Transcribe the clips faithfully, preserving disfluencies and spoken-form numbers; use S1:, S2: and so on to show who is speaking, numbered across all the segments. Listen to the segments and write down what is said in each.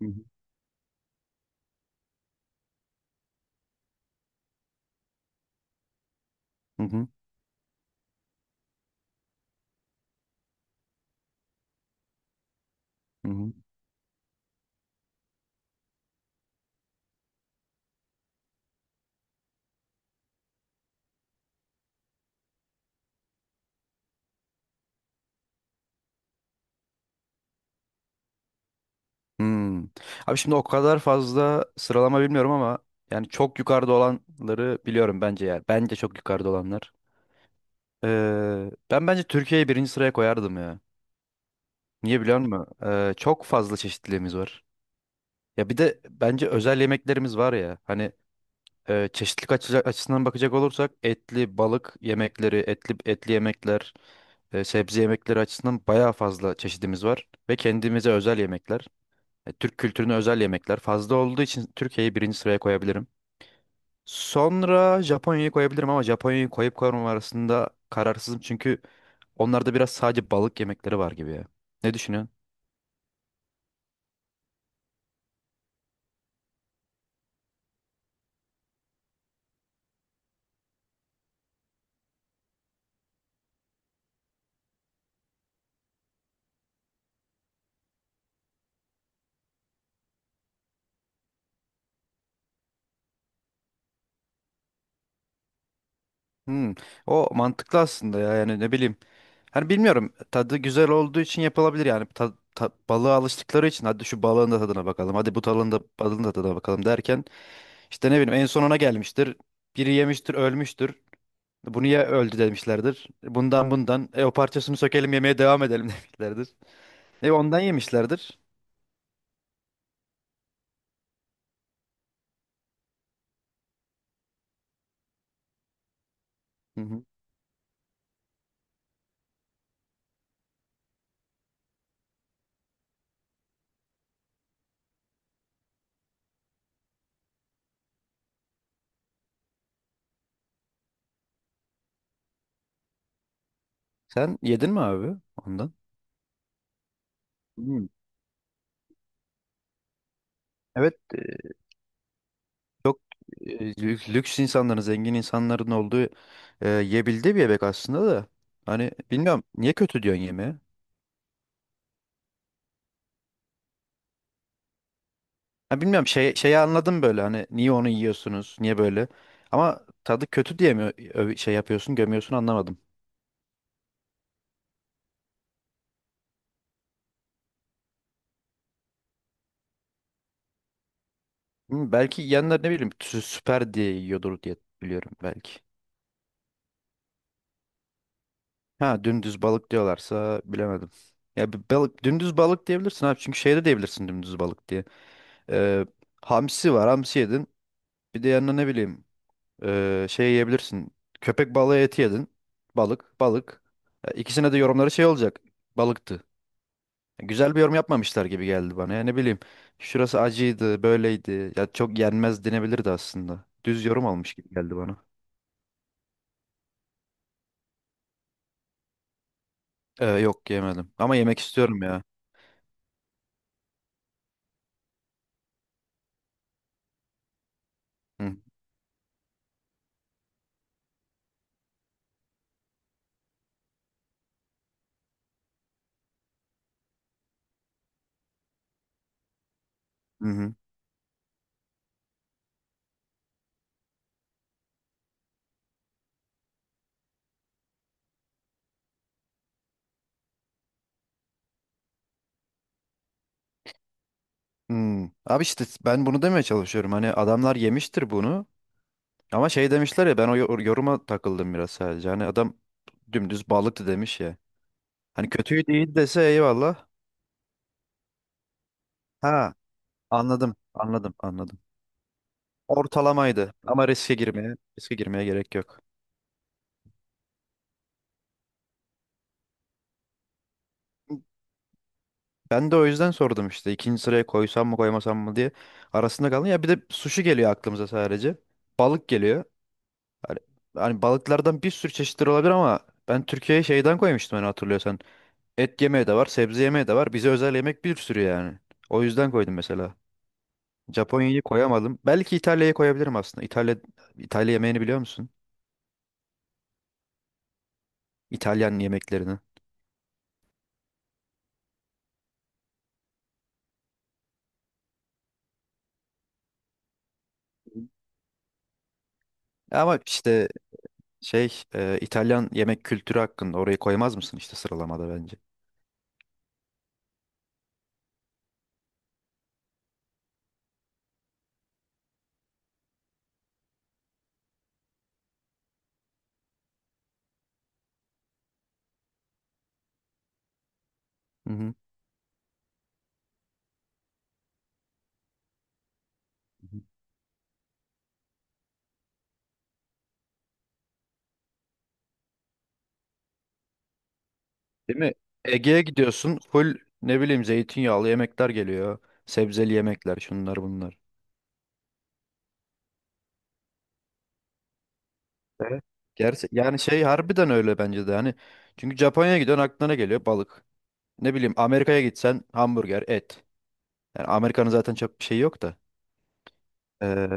S1: Hı hı. Hı hı. Hı. Hmm. Abi şimdi o kadar fazla sıralama bilmiyorum ama yani çok yukarıda olanları biliyorum bence yani. Bence çok yukarıda olanlar. Ee, ben bence Türkiye'yi birinci sıraya koyardım ya. Niye biliyor musun? Ee, çok fazla çeşitliliğimiz var. Ya bir de bence özel yemeklerimiz var ya. Hani e, çeşitlilik açı- açısından bakacak olursak etli balık yemekleri, etli etli yemekler, e, sebze yemekleri açısından bayağı fazla çeşidimiz var ve kendimize özel yemekler. E, Türk kültürüne özel yemekler fazla olduğu için Türkiye'yi birinci sıraya koyabilirim. Sonra Japonya'yı koyabilirim ama Japonya'yı koyup koymam arasında kararsızım çünkü onlarda biraz sadece balık yemekleri var gibi ya. Ne düşünüyorsun? Hmm, O mantıklı aslında ya, yani ne bileyim. Hani bilmiyorum, tadı güzel olduğu için yapılabilir yani ta, ta- balığa alıştıkları için hadi şu balığın da tadına bakalım, hadi bu balığın da balığın da tadına bakalım derken işte ne bileyim en son ona gelmiştir. Biri yemiştir, ölmüştür. Bunu ya öldü demişlerdir. Bundan bundan. E o parçasını sökelim, yemeye devam edelim demişlerdir. E ondan yemişlerdir. Hı hı. Sen yedin mi abi ondan? Hmm. Evet, e, çok, e, lü- lüks insanların, zengin insanların olduğu, e, yiyebildiği bir yemek aslında da. Hani bilmiyorum, niye kötü diyorsun yemeğe? Ha, bilmiyorum şey, şeyi anladım böyle, hani niye onu yiyorsunuz, niye böyle? Ama tadı kötü diye mi ö- şey yapıyorsun, gömüyorsun, anlamadım. Hı, belki yiyenler ne bileyim sü- süper diye yiyordur diye biliyorum belki. Ha, dümdüz balık diyorlarsa bilemedim. Ya bir balık dümdüz balık diyebilirsin abi, çünkü şey de diyebilirsin dümdüz balık diye. Ee, Hamsi var, hamsi yedin. Bir de yanına ne bileyim ee, şey yiyebilirsin. Köpek balığı eti yedin. Balık balık. Ya İkisine de yorumları şey olacak. Balıktı. Ya güzel bir yorum yapmamışlar gibi geldi bana. Ya ne bileyim şurası acıydı, böyleydi. Ya çok yenmez denebilirdi aslında. Düz yorum almış gibi geldi bana. Ee, yok, yemedim ama yemek istiyorum ya. Hı hı. Hmm. Abi işte ben bunu demeye çalışıyorum. Hani adamlar yemiştir bunu. Ama şey demişler ya, ben o yor- yoruma takıldım biraz sadece. Hani adam dümdüz balıktı demiş ya. Hani kötüydü, iyi dese eyvallah. Ha, anladım anladım anladım. Ortalamaydı ama riske girmeye riske girmeye gerek yok. Ben de o yüzden sordum işte, ikinci sıraya koysam mı koymasam mı diye arasında kaldım. Ya bir de sushi geliyor aklımıza sadece. Balık geliyor. Hani, hani balıklardan bir sürü çeşitleri olabilir ama ben Türkiye'ye şeyden koymuştum, hani hatırlıyorsan. Et yemeği de var, sebze yemeği de var. Bize özel yemek bir sürü yani. O yüzden koydum mesela. Japonya'yı koyamadım. Belki İtalya'yı koyabilirim aslında. İtalya İtalya yemeğini biliyor musun? İtalyan yemeklerini. Ama işte şey e, İtalyan yemek kültürü hakkında orayı koymaz mısın işte sıralamada, bence. Hı hı. Değil mi? Ege'ye gidiyorsun. Full ne bileyim zeytinyağlı yemekler geliyor. Sebzeli yemekler, şunlar bunlar. Evet. Gerçi yani şey, harbiden öyle bence de hani. Çünkü Japonya'ya gidiyorsun, aklına ne geliyor? Balık. Ne bileyim, Amerika'ya gitsen hamburger, et. Yani Amerika'nın zaten çok bir şey yok da. Ee,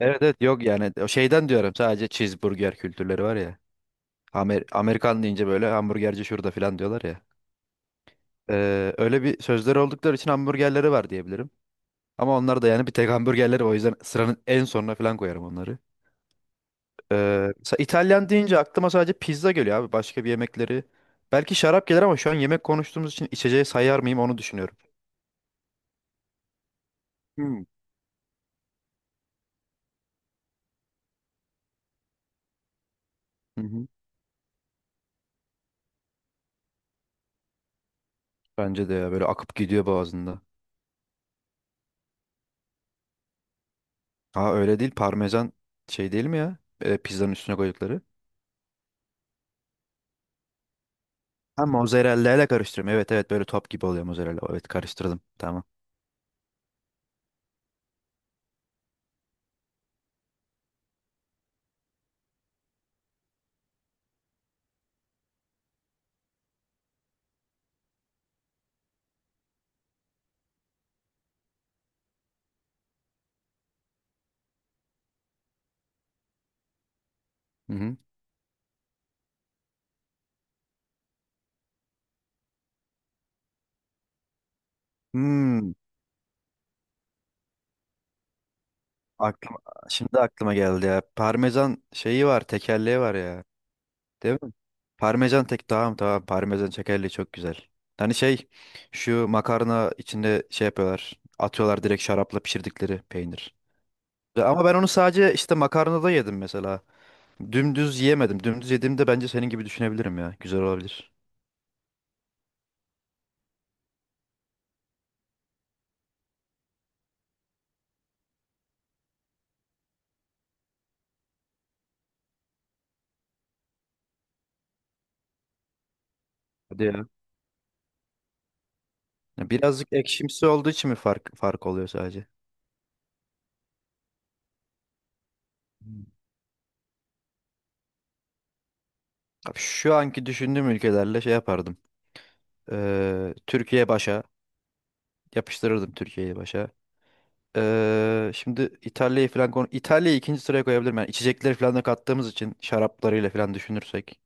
S1: evet, evet, yok yani, o şeyden diyorum, sadece cheeseburger kültürleri var ya. Amer Amerikan deyince böyle hamburgerci şurada falan diyorlar ya. Ee, öyle bir sözleri oldukları için hamburgerleri var diyebilirim. Ama onlar da yani bir tek hamburgerleri, o yüzden sıranın en sonuna falan koyarım onları. Ee, sa- İtalyan deyince aklıma sadece pizza geliyor abi, başka bir yemekleri. Belki şarap gelir ama şu an yemek konuştuğumuz için içeceği sayar mıyım onu düşünüyorum. Hmm. Hı hı. Bence de ya, böyle akıp gidiyor boğazında. Ha, öyle değil parmesan şey değil mi ya? E, pizzanın üstüne koydukları. Ha, mozzarella ile karıştırıyorum. Evet, evet, böyle top gibi oluyor mozzarella. Evet, karıştırdım. Tamam. Hı hı. Hmm, aklıma, Şimdi aklıma geldi ya. Parmesan şeyi var, tekerleği var ya. Değil mi? Parmesan tek, tamam tamam, parmesan tekerleği çok güzel. Hani şey, şu makarna içinde şey yapıyorlar. Atıyorlar direkt, şarapla pişirdikleri peynir. Ve- Ama ben onu sadece işte makarnada yedim mesela. Dümdüz yiyemedim. Dümdüz yediğimde bence senin gibi düşünebilirim ya. Güzel olabilir. Hadi ya. Ya birazcık ekşimsi olduğu için mi fark, fark oluyor sadece? Hmm. Abi şu anki düşündüğüm ülkelerle şey yapardım. Ee, Türkiye başa. Yapıştırırdım Türkiye'yi başa. Ee, şimdi İtalya'yı falan konu İtalya'yı ikinci sıraya koyabilirim. Yani içecekleri falan da kattığımız için, şaraplarıyla falan düşünürsek.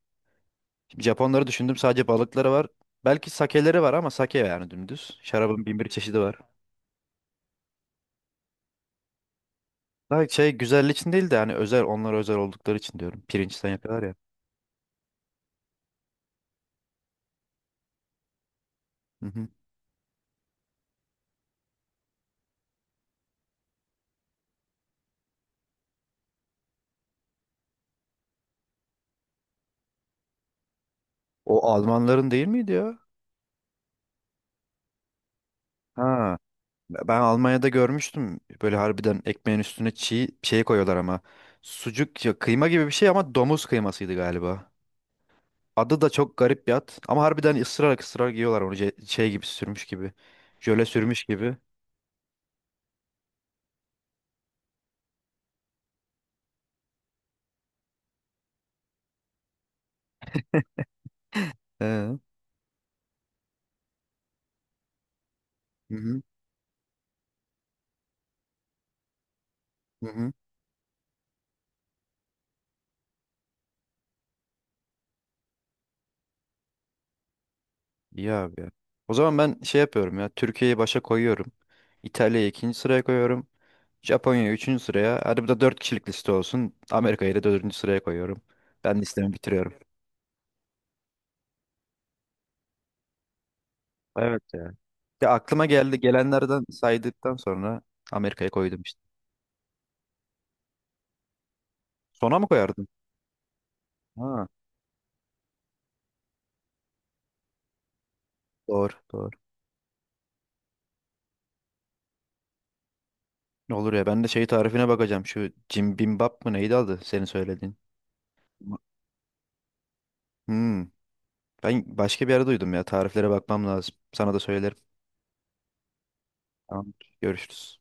S1: Şimdi Japonları düşündüm, sadece balıkları var. Belki sakeleri var ama sake yani dümdüz. Şarabın bin bir çeşidi var. Daha şey güzellik için değil de, hani özel, onlara özel oldukları için diyorum. Pirinçten yapıyorlar ya. Hı hı. O Almanların değil miydi ya? Ha. Ben Almanya'da görmüştüm. Böyle harbiden ekmeğin üstüne çiğ şey koyuyorlar ama. Sucuk ya, kıyma gibi bir şey ama domuz kıymasıydı galiba. Adı da çok garip bir ad. Ama harbiden ısırarak ısırarak yiyorlar onu, ce- şey gibi, sürmüş gibi. Jöle sürmüş gibi. He. Hı hı. Hı hı. İyi abi ya. O zaman ben şey yapıyorum ya. Türkiye'yi başa koyuyorum. İtalya'yı ikinci sıraya koyuyorum. Japonya'yı üçüncü sıraya. Hadi bu da dört kişilik liste olsun. Amerika'yı da dördüncü sıraya koyuyorum. Ben listemi bitiriyorum. Evet ya. Ya aklıma geldi, gelenlerden saydıktan sonra Amerika'yı koydum işte. Sona mı koyardın? Ha, doğru doğru. Ne olur ya, ben de şey tarifine bakacağım. Şu Jim Bimbap mı neydi adı senin söylediğin? Ma- Hmm, Ben başka bir yerde duydum ya. Tariflere bakmam lazım. Sana da söylerim. Tamam. Görüşürüz.